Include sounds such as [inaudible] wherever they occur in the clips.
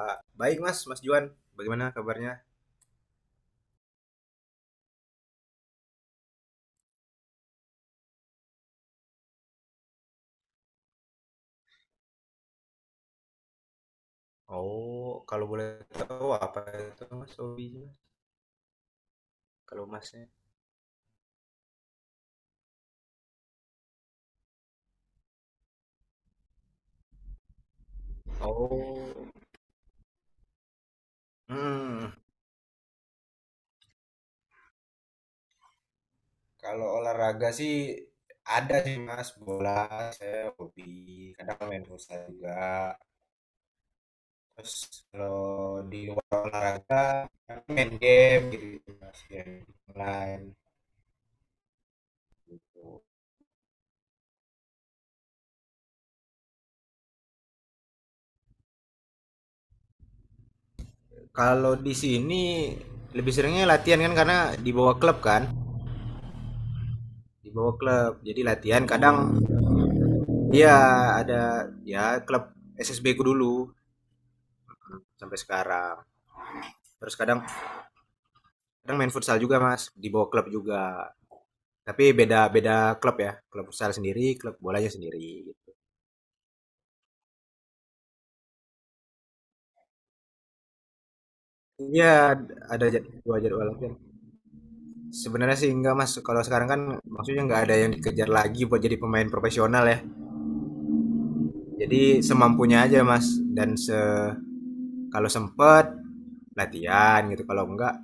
Ah, baik Mas, Mas Juan, bagaimana kabarnya? Oh, kalau boleh tahu apa itu Mas hobinya? Kalau Masnya? Oh, hmm, kalau olahraga sih ada sih Mas, bola saya hobi, kadang main futsal juga. Terus kalau di luar olahraga, kan main game gitu Mas, game online. Kalau di sini lebih seringnya latihan kan karena dibawa klub kan, dibawa klub. Jadi latihan kadang, iya, ada, ya klub SSB ku dulu sampai sekarang. Terus kadang kadang main futsal juga, Mas, di bawah klub juga. Tapi beda-beda klub ya. Klub futsal sendiri, klub bolanya sendiri, gitu. Iya, ada dua jadwal latihan. Sebenarnya sih enggak, Mas. Kalau sekarang kan maksudnya enggak ada yang dikejar lagi buat jadi pemain profesional ya. Jadi semampunya aja, Mas. Dan kalau sempet latihan gitu, kalau enggak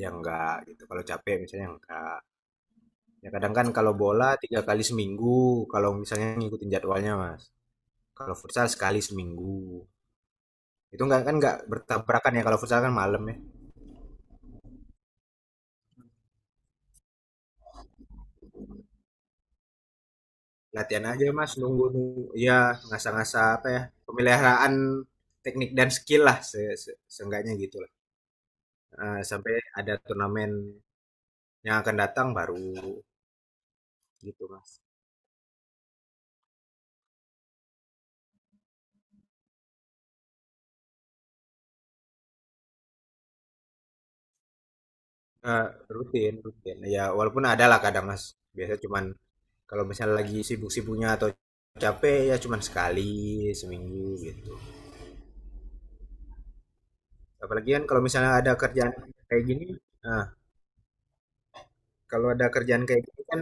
ya enggak gitu. Kalau capek misalnya enggak. Ya kadang kan kalau bola 3 kali seminggu, kalau misalnya ngikutin jadwalnya mas. Kalau futsal sekali seminggu. Itu nggak kan nggak bertabrakan ya kalau futsal kan malam ya. Latihan aja mas, nunggu nunggu. Ya ngasah-ngasah apa ya, pemeliharaan teknik dan skill lah se se- seenggaknya gitu lah. Sampai ada turnamen yang akan datang baru gitu mas. Eh, rutin rutin. Ya walaupun ada lah kadang mas. Biasa cuman kalau misalnya lagi sibuk-sibuknya atau capek ya cuman sekali seminggu gitu. Apalagi kan kalau misalnya ada kerjaan kayak gini, nah kalau ada kerjaan kayak gini kan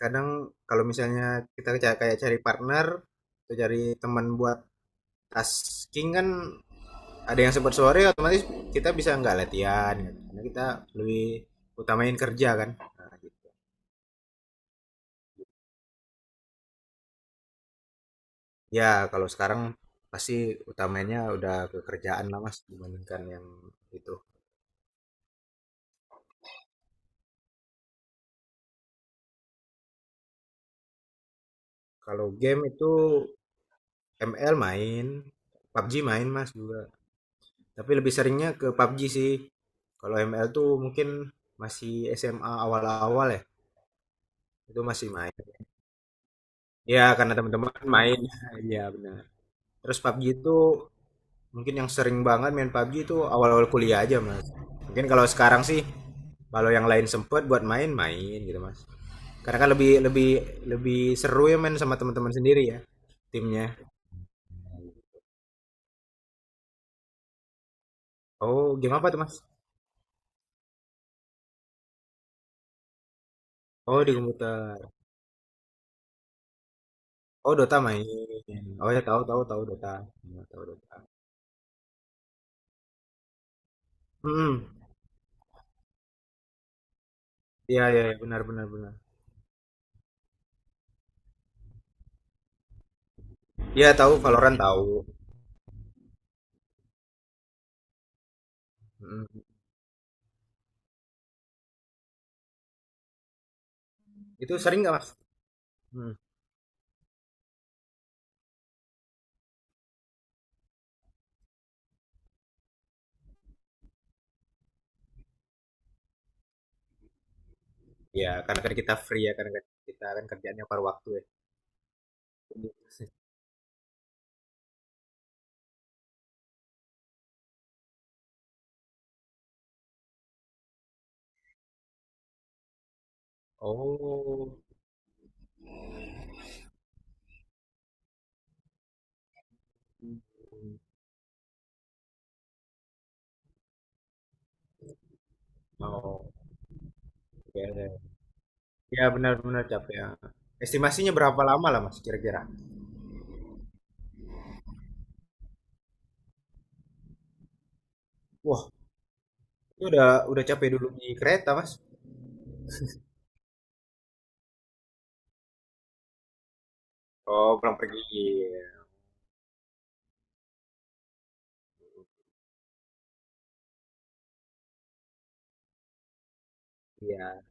kadang kalau misalnya kita kayak cari partner atau cari teman buat tasking kan, ada yang sempat sore otomatis kita bisa nggak latihan gitu. Karena kita lebih utamain kerja kan. Nah, gitu. Ya kalau sekarang pasti utamanya udah kekerjaan lah mas dibandingkan yang itu. Kalau game itu ML main, PUBG main Mas juga. Tapi lebih seringnya ke PUBG sih. Kalau ML tuh mungkin masih SMA awal-awal ya, itu masih main. Ya karena teman-teman main. [laughs] Iya benar. Terus PUBG itu mungkin yang sering banget main PUBG itu awal-awal kuliah aja Mas. Mungkin kalau sekarang sih kalau yang lain sempet buat main main gitu Mas. Karena kan lebih lebih lebih seru ya main sama teman-teman sendiri ya, timnya. Oh, game apa tuh Mas? Oh, di komputer. Oh Dota main. Oh ya, tahu tahu tahu Dota. Ya, tahu Dota. Hmm. Iya iya iya, benar benar benar. Iya tahu Valorant tahu. Mm. Itu sering nggak Mas? Hmm. Ya karena kan kita free ya, karena kan kita kan kerjaannya paruh waktu ya. Jadi- Oh. Oh. Ya, ya. Ya, benar benar capek ya. Estimasinya berapa lama lah Mas kira-kira? Wah, itu udah capek dulu di kereta Mas. Oh, pulang pergi. Iya. Iya.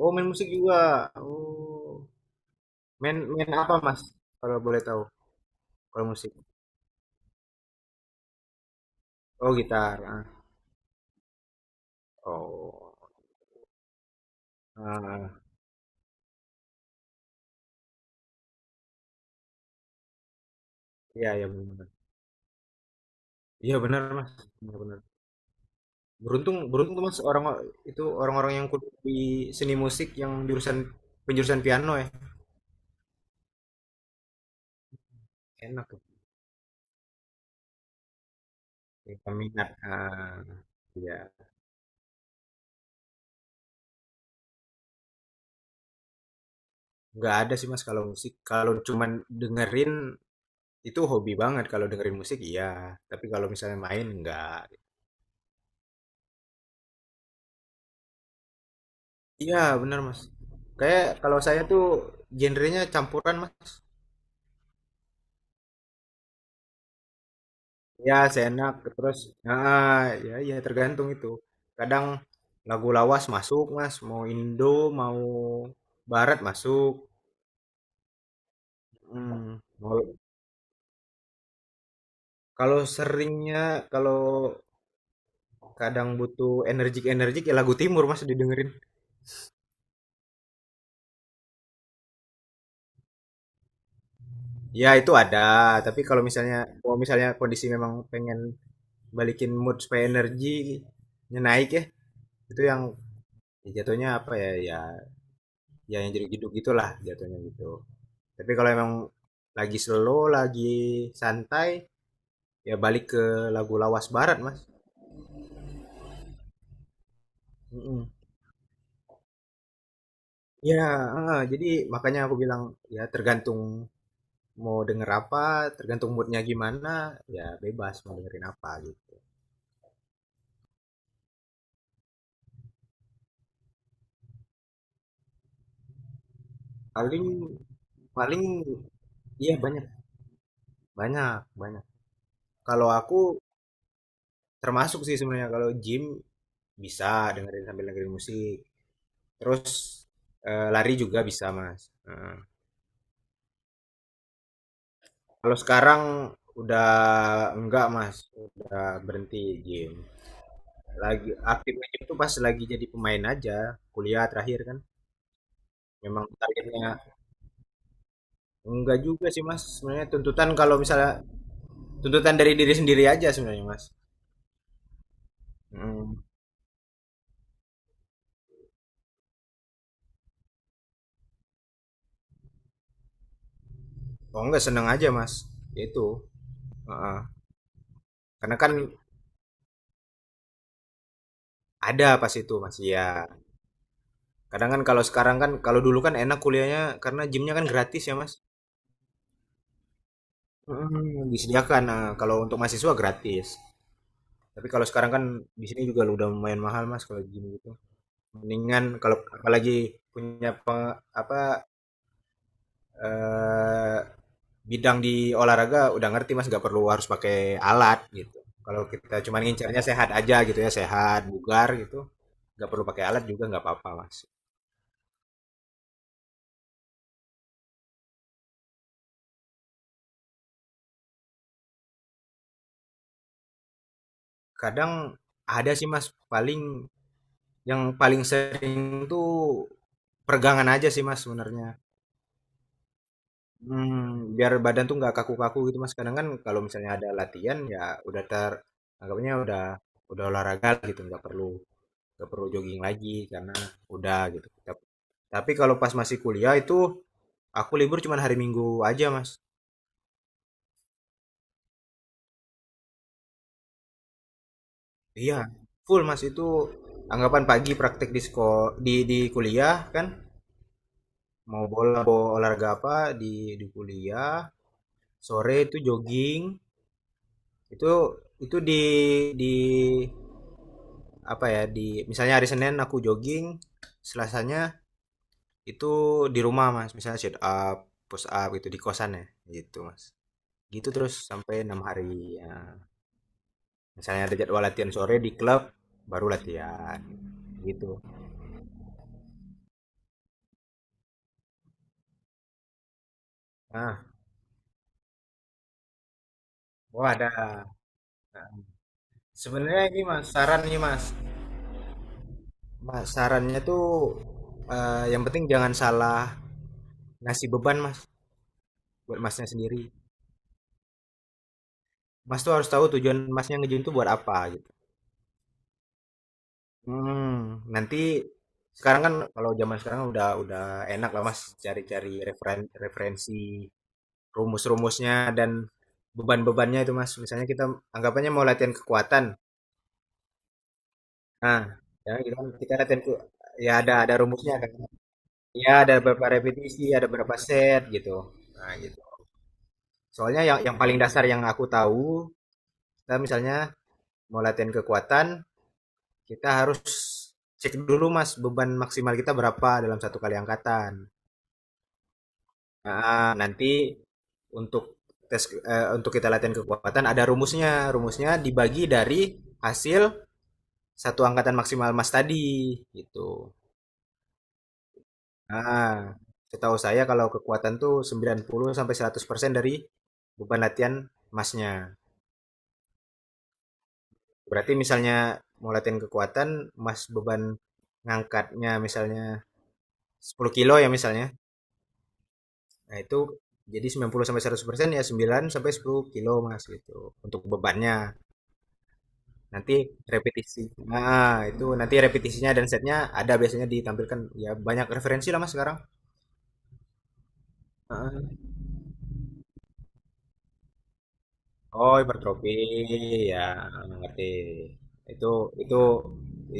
Oh, main musik juga. Oh. Main main apa Mas? Kalau boleh tahu, kalau musik. Oh, gitar. Ah. Oh. Ah, iya iya benar. Iya benar Mas, benar-benar. Beruntung beruntung tuh Mas orang itu, orang-orang yang kuliah di seni musik yang jurusan penjurusan piano ya. Enak tuh. Ya, peminat. Ah, iya. Nggak ada sih Mas kalau musik. Kalau cuman dengerin itu hobi banget kalau dengerin musik iya, tapi kalau misalnya main enggak. Iya, benar Mas. Kayak kalau saya tuh genrenya campuran Mas. Ya, seenak. Terus, ah, ya, ya tergantung itu. Kadang lagu lawas masuk, Mas. Mau Indo, mau Barat masuk. Hmm. Mau, kalau seringnya, kalau kadang butuh energik-energik, ya lagu Timur, Mas, didengerin. Ya, itu ada. Tapi kalau misalnya kondisi memang pengen balikin mood supaya energinya naik ya, itu yang ya jatuhnya apa ya, ya, ya yang jadi hidup gitulah jatuhnya gitu. Tapi kalau emang lagi slow lagi santai ya balik ke lagu lawas barat mas. Mm-mm. Ya jadi makanya aku bilang ya tergantung mau denger apa, tergantung moodnya gimana, ya bebas mau dengerin apa gitu. Paling paling iya banyak banyak banyak. Kalau aku termasuk sih sebenarnya kalau gym bisa sambil dengerin musik, terus lari juga bisa mas. Kalau sekarang udah enggak, Mas, udah berhenti gym. Lagi aktifnya gym tuh pas lagi jadi pemain aja, kuliah terakhir kan. Memang targetnya enggak juga sih, Mas. Sebenarnya tuntutan kalau misalnya tuntutan dari diri sendiri aja sebenarnya, Mas. Mm. Oh, enggak seneng aja, Mas. Ya itu. Heeh. Karena kan ada pas itu, Mas. Iya. Kadang kan kalau sekarang kan kalau dulu kan enak kuliahnya karena gymnya kan gratis ya, Mas. Mm, disediakan. Nah, kalau untuk mahasiswa gratis. Tapi kalau sekarang kan di sini juga udah lumayan mahal Mas kalau gini gitu. Mendingan kalau apalagi punya apa, eh, bidang di olahraga udah ngerti Mas, nggak perlu harus pakai alat gitu. Kalau kita cuma ngincarnya sehat aja gitu ya, sehat, bugar gitu. Nggak perlu pakai alat juga nggak apa-apa Mas. Kadang ada sih Mas, paling yang paling sering tuh peregangan aja sih Mas sebenarnya. Hmm, biar badan tuh nggak kaku-kaku gitu, Mas. Kadang kan kalau misalnya ada latihan ya udah anggapnya udah olahraga lah gitu, nggak perlu jogging lagi karena udah gitu. Tapi kalau pas masih kuliah itu aku libur cuma hari Minggu aja, Mas. Iya, full, Mas, itu anggapan pagi praktek di di kuliah kan, mau bola mau olahraga apa di di kuliah, sore itu jogging, itu itu di apa ya di misalnya hari Senin aku jogging, Selasanya itu di rumah Mas, misalnya sit up, push up gitu di kosan ya, gitu Mas. Gitu terus sampai 6 hari, ya. Misalnya ada jadwal latihan sore di klub, baru latihan gitu. Nah, oh ada. Nah, sebenarnya ini Mas, saran nih Mas. Mas, sarannya tuh yang penting jangan salah ngasih beban Mas buat Masnya sendiri. Mas tuh harus tahu tujuan Masnya ngejun tuh buat apa. Hmm, nanti sekarang kan kalau zaman sekarang udah enak lah Mas cari-cari referensi rumus-rumusnya dan beban-bebannya itu Mas. Misalnya kita anggapannya mau latihan kekuatan. Nah, ya kita ya ada rumusnya kan. Ya ada berapa repetisi, ada berapa set gitu. Nah, gitu. Soalnya yang paling dasar yang aku tahu, kita misalnya mau latihan kekuatan, kita harus cek dulu Mas beban maksimal kita berapa dalam satu kali angkatan. Nah, nanti untuk tes untuk kita latihan kekuatan ada rumusnya. Rumusnya dibagi dari hasil satu angkatan maksimal Mas tadi gitu. Nah, setahu saya kalau kekuatan tuh 90 sampai 100% dari beban latihan Masnya. Berarti misalnya mau latihan kekuatan Mas beban ngangkatnya misalnya 10 kilo ya misalnya. Nah, itu jadi 90 sampai 100% ya 9 sampai 10 kilo Mas gitu untuk bebannya. Nanti repetisi. Nah, itu nanti repetisinya dan setnya ada biasanya ditampilkan. Ya, banyak referensi lah Mas sekarang. Heeh. Oh, hipertrofi. Ya, ngerti. Itu itu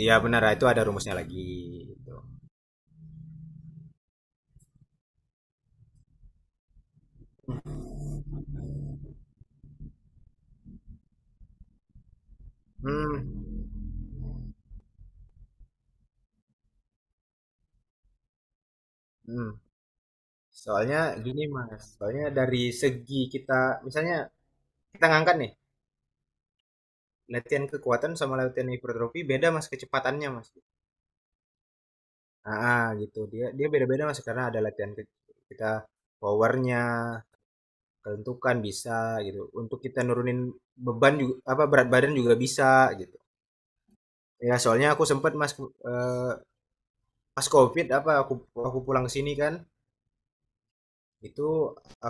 ya benar itu ada rumusnya lagi gitu. Hmm. Hmm. Soalnya gini Mas, soalnya dari segi kita misalnya kita ngangkat nih, latihan kekuatan sama latihan hipertrofi beda Mas kecepatannya Mas. Ah, ah, gitu. Dia dia beda-beda Mas karena ada kita powernya, kelentukan bisa gitu untuk kita nurunin beban juga apa berat badan juga bisa gitu. Ya soalnya aku sempat mas pas covid apa aku pulang ke sini kan itu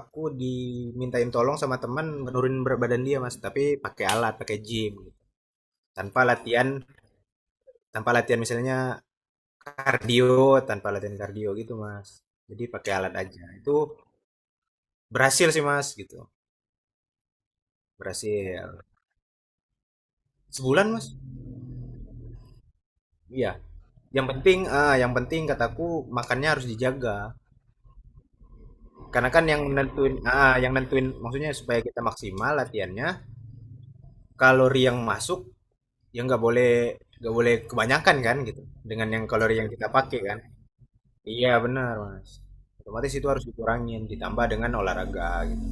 aku dimintain tolong sama teman nurunin berat badan dia mas tapi pakai alat pakai gym gitu. tanpa latihan tanpa latihan misalnya kardio, tanpa latihan kardio gitu mas, jadi pakai alat aja itu berhasil sih mas gitu. Berhasil sebulan mas. Iya, yang penting ah yang penting kataku makannya harus dijaga, karena kan yang nentuin ah yang nentuin maksudnya supaya kita maksimal latihannya kalori yang masuk ya nggak boleh kebanyakan kan gitu dengan yang kalori yang kita pakai kan. Iya benar mas, otomatis itu harus dikurangin ditambah dengan olahraga gitu.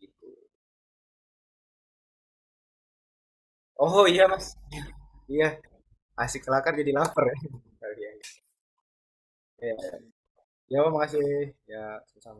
Gitu. Oh iya mas. [laughs] Iya, asik kelakar jadi lapar ya. [laughs] Iya, ya. Iya, ya makasih ya, sama.